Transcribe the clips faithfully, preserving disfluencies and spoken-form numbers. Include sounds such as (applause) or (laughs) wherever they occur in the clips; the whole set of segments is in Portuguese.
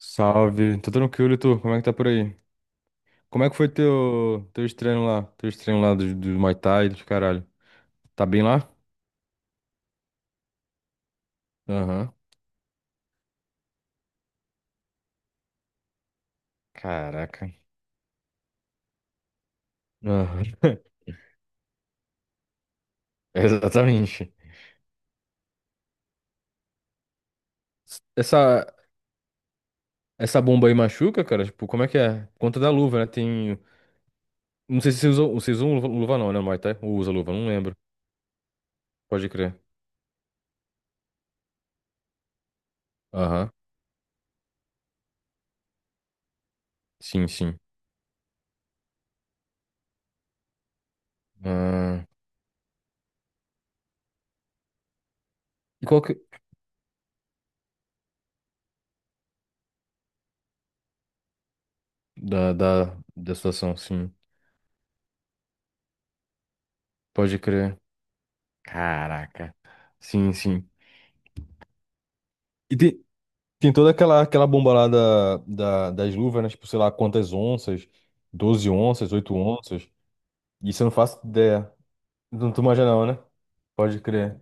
Salve, tô tranquilo, e tu? Como é que tá por aí? Como é que foi teu, teus treinos lá? Teus treinos lá do, do Muay Thai, dos caralho. Tá bem lá? Aham. Caraca. Aham. (laughs) Exatamente. Essa, Essa bomba aí machuca, cara? Tipo, como é que é? Por conta da luva, né? Tem. Não sei se vocês usam, vocês usam luva, luva não, né? Muay Thai? Ou usa luva, não lembro. Pode crer. Aham. Sim, sim. Ah, e qual que. Da, da, Da situação, sim. Pode crer. Caraca. Sim, sim. Tem toda aquela, aquela bomba lá da, da- das luvas, né? Tipo, sei lá quantas onças, doze onças, oito onças. Isso eu não faço ideia. Não tu manja não, né? Pode crer.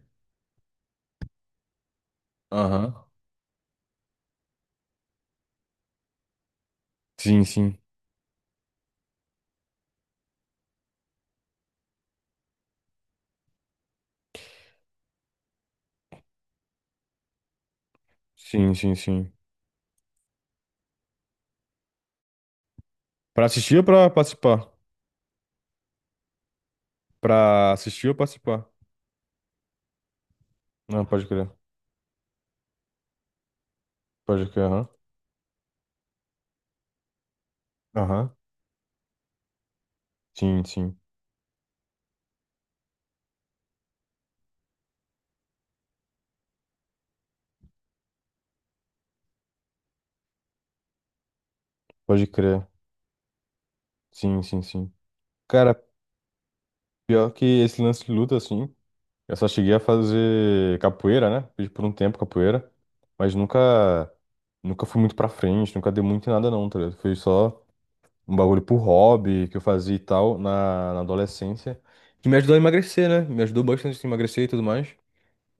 Aham. Sim, sim. Sim, sim, sim. Pra assistir ou pra participar? Pra assistir ou participar? Não, pode crer. Pode crer, aham. Aham. Sim, sim. Pode crer. Sim, sim, sim. Cara, pior que esse lance de luta, assim. Eu só cheguei a fazer capoeira, né? Fiz por um tempo capoeira, mas nunca nunca fui muito pra frente, nunca dei muito em nada não, tá ligado? Foi só um bagulho por hobby que eu fazia e tal na, na adolescência, que me ajudou a emagrecer, né? Me ajudou bastante a emagrecer e tudo mais.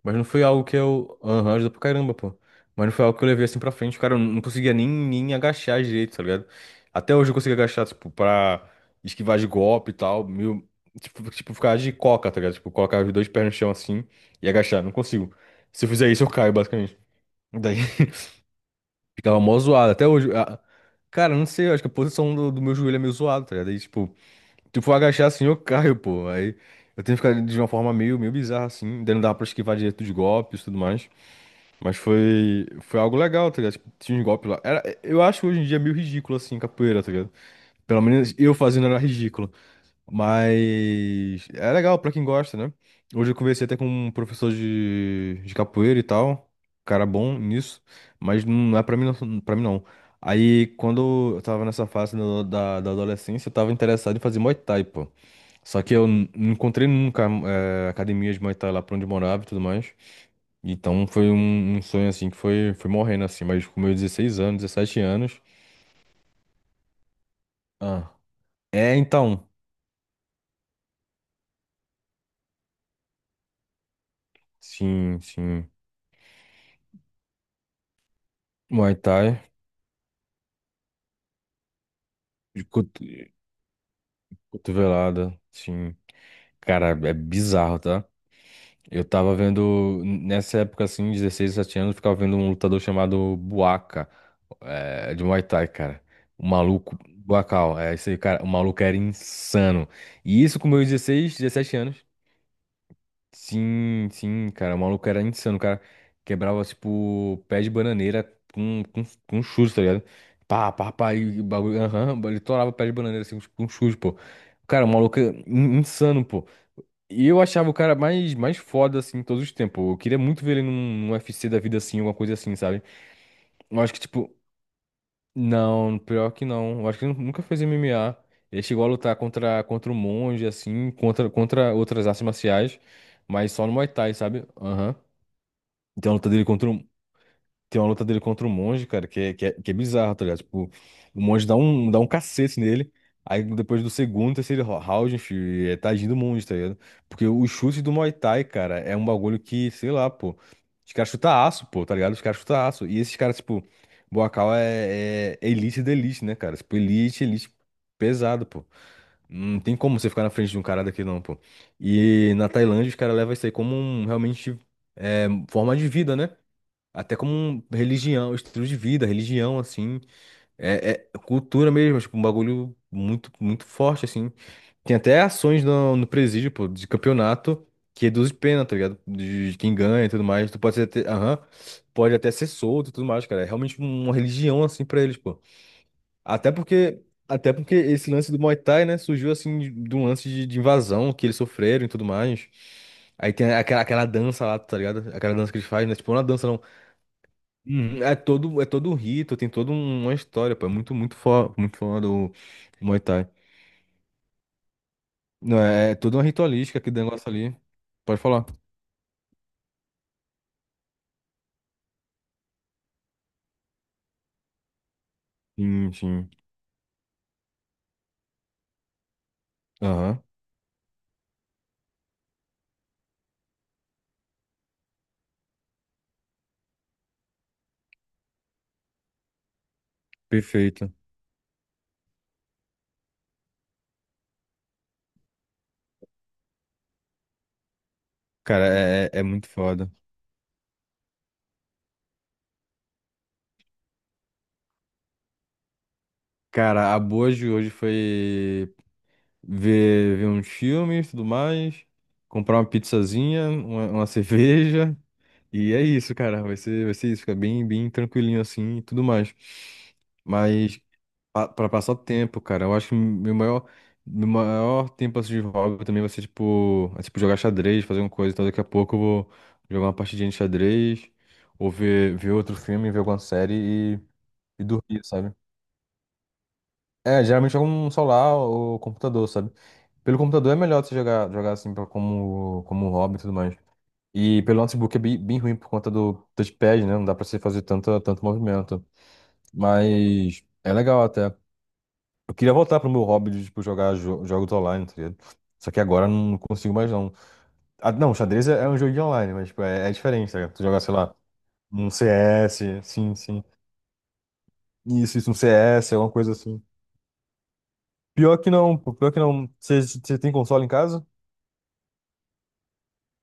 Mas não foi algo que eu. Aham, ajuda pra caramba, pô. Mas não foi algo que eu levei assim pra frente, cara. Eu não conseguia nem, nem agachar direito, tá ligado? Até hoje eu consigo agachar, tipo, pra esquivar de golpe e tal. Meio. Tipo, tipo, ficar de coca, tá ligado? Tipo, colocar os dois pés no chão assim e agachar. Não consigo. Se eu fizer isso, eu caio, basicamente. Daí (laughs) ficava mó zoado. Até hoje. a- Cara, eu não sei, eu acho que a posição do, do meu joelho é meio zoado, tá ligado? Aí, tipo, se eu for agachar assim, eu caio, pô. Aí eu tenho que ficar de uma forma meio, meio bizarra, assim. Daí não dá pra esquivar direito dos golpes e tudo mais. Mas foi, foi algo legal, tá ligado? Tipo, tinha uns golpes lá. Era, eu acho hoje em dia meio ridículo, assim, capoeira, tá ligado? Pelo menos eu fazendo era ridículo. Mas é legal pra quem gosta, né? Hoje eu conversei até com um professor de, de capoeira e tal. Cara bom nisso. Mas não é pra mim, não, pra mim não. Aí, quando eu tava nessa fase da, da, da adolescência, eu tava interessado em fazer Muay Thai, pô. Só que eu n- não encontrei nunca eh, academia de Muay Thai lá pra onde eu morava e tudo mais. Então foi um, um sonho assim que foi, foi morrendo assim, mas com meus dezesseis anos, dezessete anos. Ah. É, então. Sim, sim. Muay Thai, de cotu- cotovelada, sim. Cara, é bizarro, tá? Eu tava vendo, nessa época assim, dezesseis dezessete anos, eu ficava vendo um lutador chamado Buaca, é, de Muay Thai, cara. O maluco, Buacal, é isso aí, cara. O maluco era insano. E isso com meus dezesseis dezessete anos. Sim, sim, cara. O maluco era insano. O cara quebrava, tipo, pé de bananeira com, com, com chus, tá ligado? Pá, pá, pá, e o bagulho. Aham, ele torava pé de bananeira assim com chus, pô. Cara, o maluco é in- insano, pô. E eu achava o cara mais, mais foda, assim, todos os tempos. Eu queria muito ver ele num, num U F C da vida assim, alguma coisa assim, sabe? Eu acho que, tipo, não, pior que não. Eu acho que ele nunca fez M M A. Ele chegou a lutar contra, contra o monge, assim, contra, contra outras artes marciais. Mas só no Muay Thai, sabe? Aham. Tem uma luta dele contra um, tem uma luta dele contra um monge, cara, que é, que é, que é bizarro, tá ligado? Tipo, o monge dá um, dá um cacete nele. Aí depois do segundo, terceiro ro- round, enfim, é tadinho do monge, tá ligado? Porque o chute do Muay Thai, cara, é um bagulho que, sei lá, pô. Os caras chutam aço, pô, tá ligado? Os caras chutam aço. E esses caras, tipo, Boacau é, é elite da elite, né, cara? Tipo, elite, elite pesado, pô. Não tem como você ficar na frente de um cara daqui, não, pô. E na Tailândia, os caras levam isso aí como um, realmente, é, forma de vida, né? Até como um- religião, um estilo de vida, religião, assim, é, é cultura mesmo, tipo, um bagulho muito, muito forte, assim. Tem até ações no, no presídio, pô, de campeonato que reduz pena, tá ligado? De, de quem ganha e tudo mais. Tu pode ser até, aham, pode até ser solto e tudo mais, cara. É realmente uma religião, assim, pra eles, pô. Até porque, Até porque esse lance do Muay Thai, né, surgiu, assim, de, de um lance de, de invasão que eles sofreram e tudo mais. Aí tem aquela, aquela dança lá, tá ligado? Aquela dança que eles fazem, né? Tipo, não é uma dança, não. Uhum. É todo, é todo um rito, tem toda um- uma história, pô. É muito, muito foda, muito foda o Muay Thai. Não, é, é toda uma ritualística aquele negócio ali. Pode falar. Sim, sim. Aham, perfeito. Cara, é, é é muito foda. Cara, a boa de hoje foi ver, ver uns filmes e tudo mais, comprar uma pizzazinha, uma, uma (laughs) cerveja. E é isso, cara. Vai ser, vai ser isso. Fica bem, bem tranquilinho assim e tudo mais. Mas. Pa- Pra passar o tempo, cara. Eu acho que meu maior, meu maior tempo assim, de hobby também vai ser, tipo, é, tipo, jogar xadrez, fazer uma coisa. Então, daqui a pouco eu vou jogar uma partidinha de xadrez, ou ver, ver outro filme, ver alguma série e, e dormir, sabe? É, geralmente jogo no celular ou computador, sabe? Pelo computador é melhor você jogar, jogar assim, pra, como, como hobby e tudo mais. E pelo notebook é bem, bem ruim por conta do touchpad, né? Não dá pra você fazer tanto, tanto movimento. Mas é legal até. Eu queria voltar pro meu hobby de, tipo, jogar jo- jogos online, tá ligado? Só que agora eu não consigo mais, não. Ah, não, xadrez é, é um jogo de online, mas, tipo, é, é diferente, tá ligado? Tu jogar, sei lá, um C S, sim, sim. Isso, isso, um C S, alguma coisa assim. Pior que não, pô, pior que não. Você tem console em casa?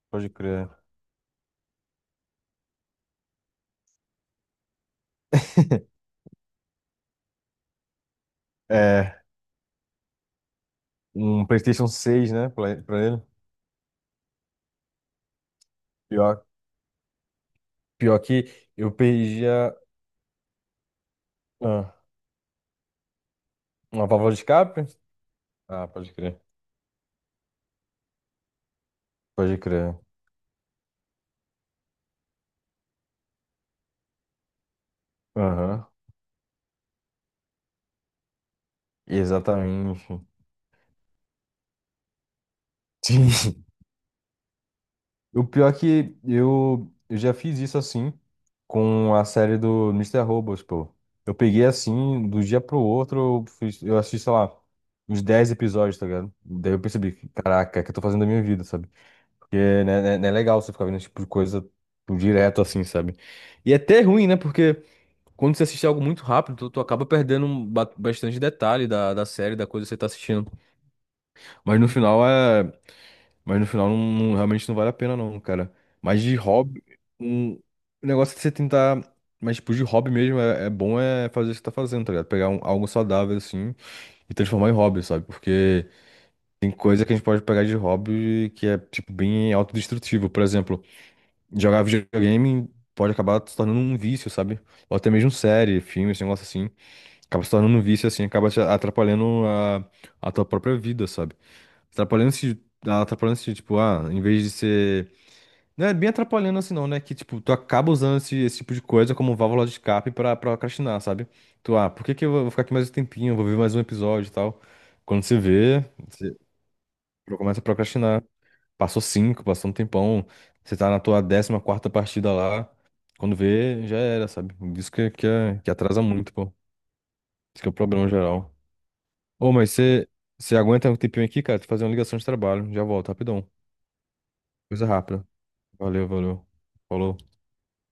Pode crer. É, um PlayStation seis, né, pra, pra ele. Pior, Pior que eu perdi a, ah, uma válvula de escape? Ah, pode crer. Pode crer. Aham. Exatamente. (laughs) Sim. O pior é que eu, eu já fiz isso assim com a série do Mister Robot, pô. Eu peguei assim, do dia pro outro, eu, fiz, eu assisti, sei lá, uns dez episódios, tá ligado? Daí eu percebi, que, caraca, o que eu tô fazendo da minha vida, sabe? Porque né, né, não é não é legal você ficar vendo esse tipo de coisa tipo, direto assim, sabe? E é até ruim, né? Porque quando você assiste algo muito rápido, tu, tu acaba perdendo um ba- bastante detalhe da, da série, da coisa que você tá assistindo. Mas no final é. Mas no final não, não- realmente não vale a pena não, cara. Mas de hobby, um, o negócio é você tentar. Mas tipo, de hobby mesmo é, é bom é fazer o que você tá fazendo, tá ligado? Pegar um- algo saudável assim e transformar em hobby, sabe? Porque tem coisa que a gente pode pegar de hobby que é, tipo, bem autodestrutivo. Por exemplo, jogar videogame pode acabar se tornando um vício, sabe? Ou até mesmo série, filme, esse negócio assim. Acaba se tornando um vício assim, acaba te atrapalhando a, a tua própria vida, sabe? Atrapalhando-se, atrapalhando-se, tipo, ah, em vez de ser não é bem atrapalhando assim não, né? Que, tipo, tu acaba usando esse, esse tipo de coisa como válvula de escape pra, pra procrastinar, sabe? Tu, ah, por que que eu vou ficar aqui mais um tempinho? Eu vou ver mais um episódio e tal. Quando você vê, você começa a procrastinar. Passou cinco, passou um tempão. Você tá na tua décima quarta partida lá. Quando vê, já era, sabe? Isso que, que, é- que atrasa muito, pô. Isso que é o problema geral. Ô, mas você, você aguenta um tempinho aqui, cara? Tem que fazer uma ligação de trabalho. Já volto, rapidão. Coisa rápida. Valeu, valeu. Falou.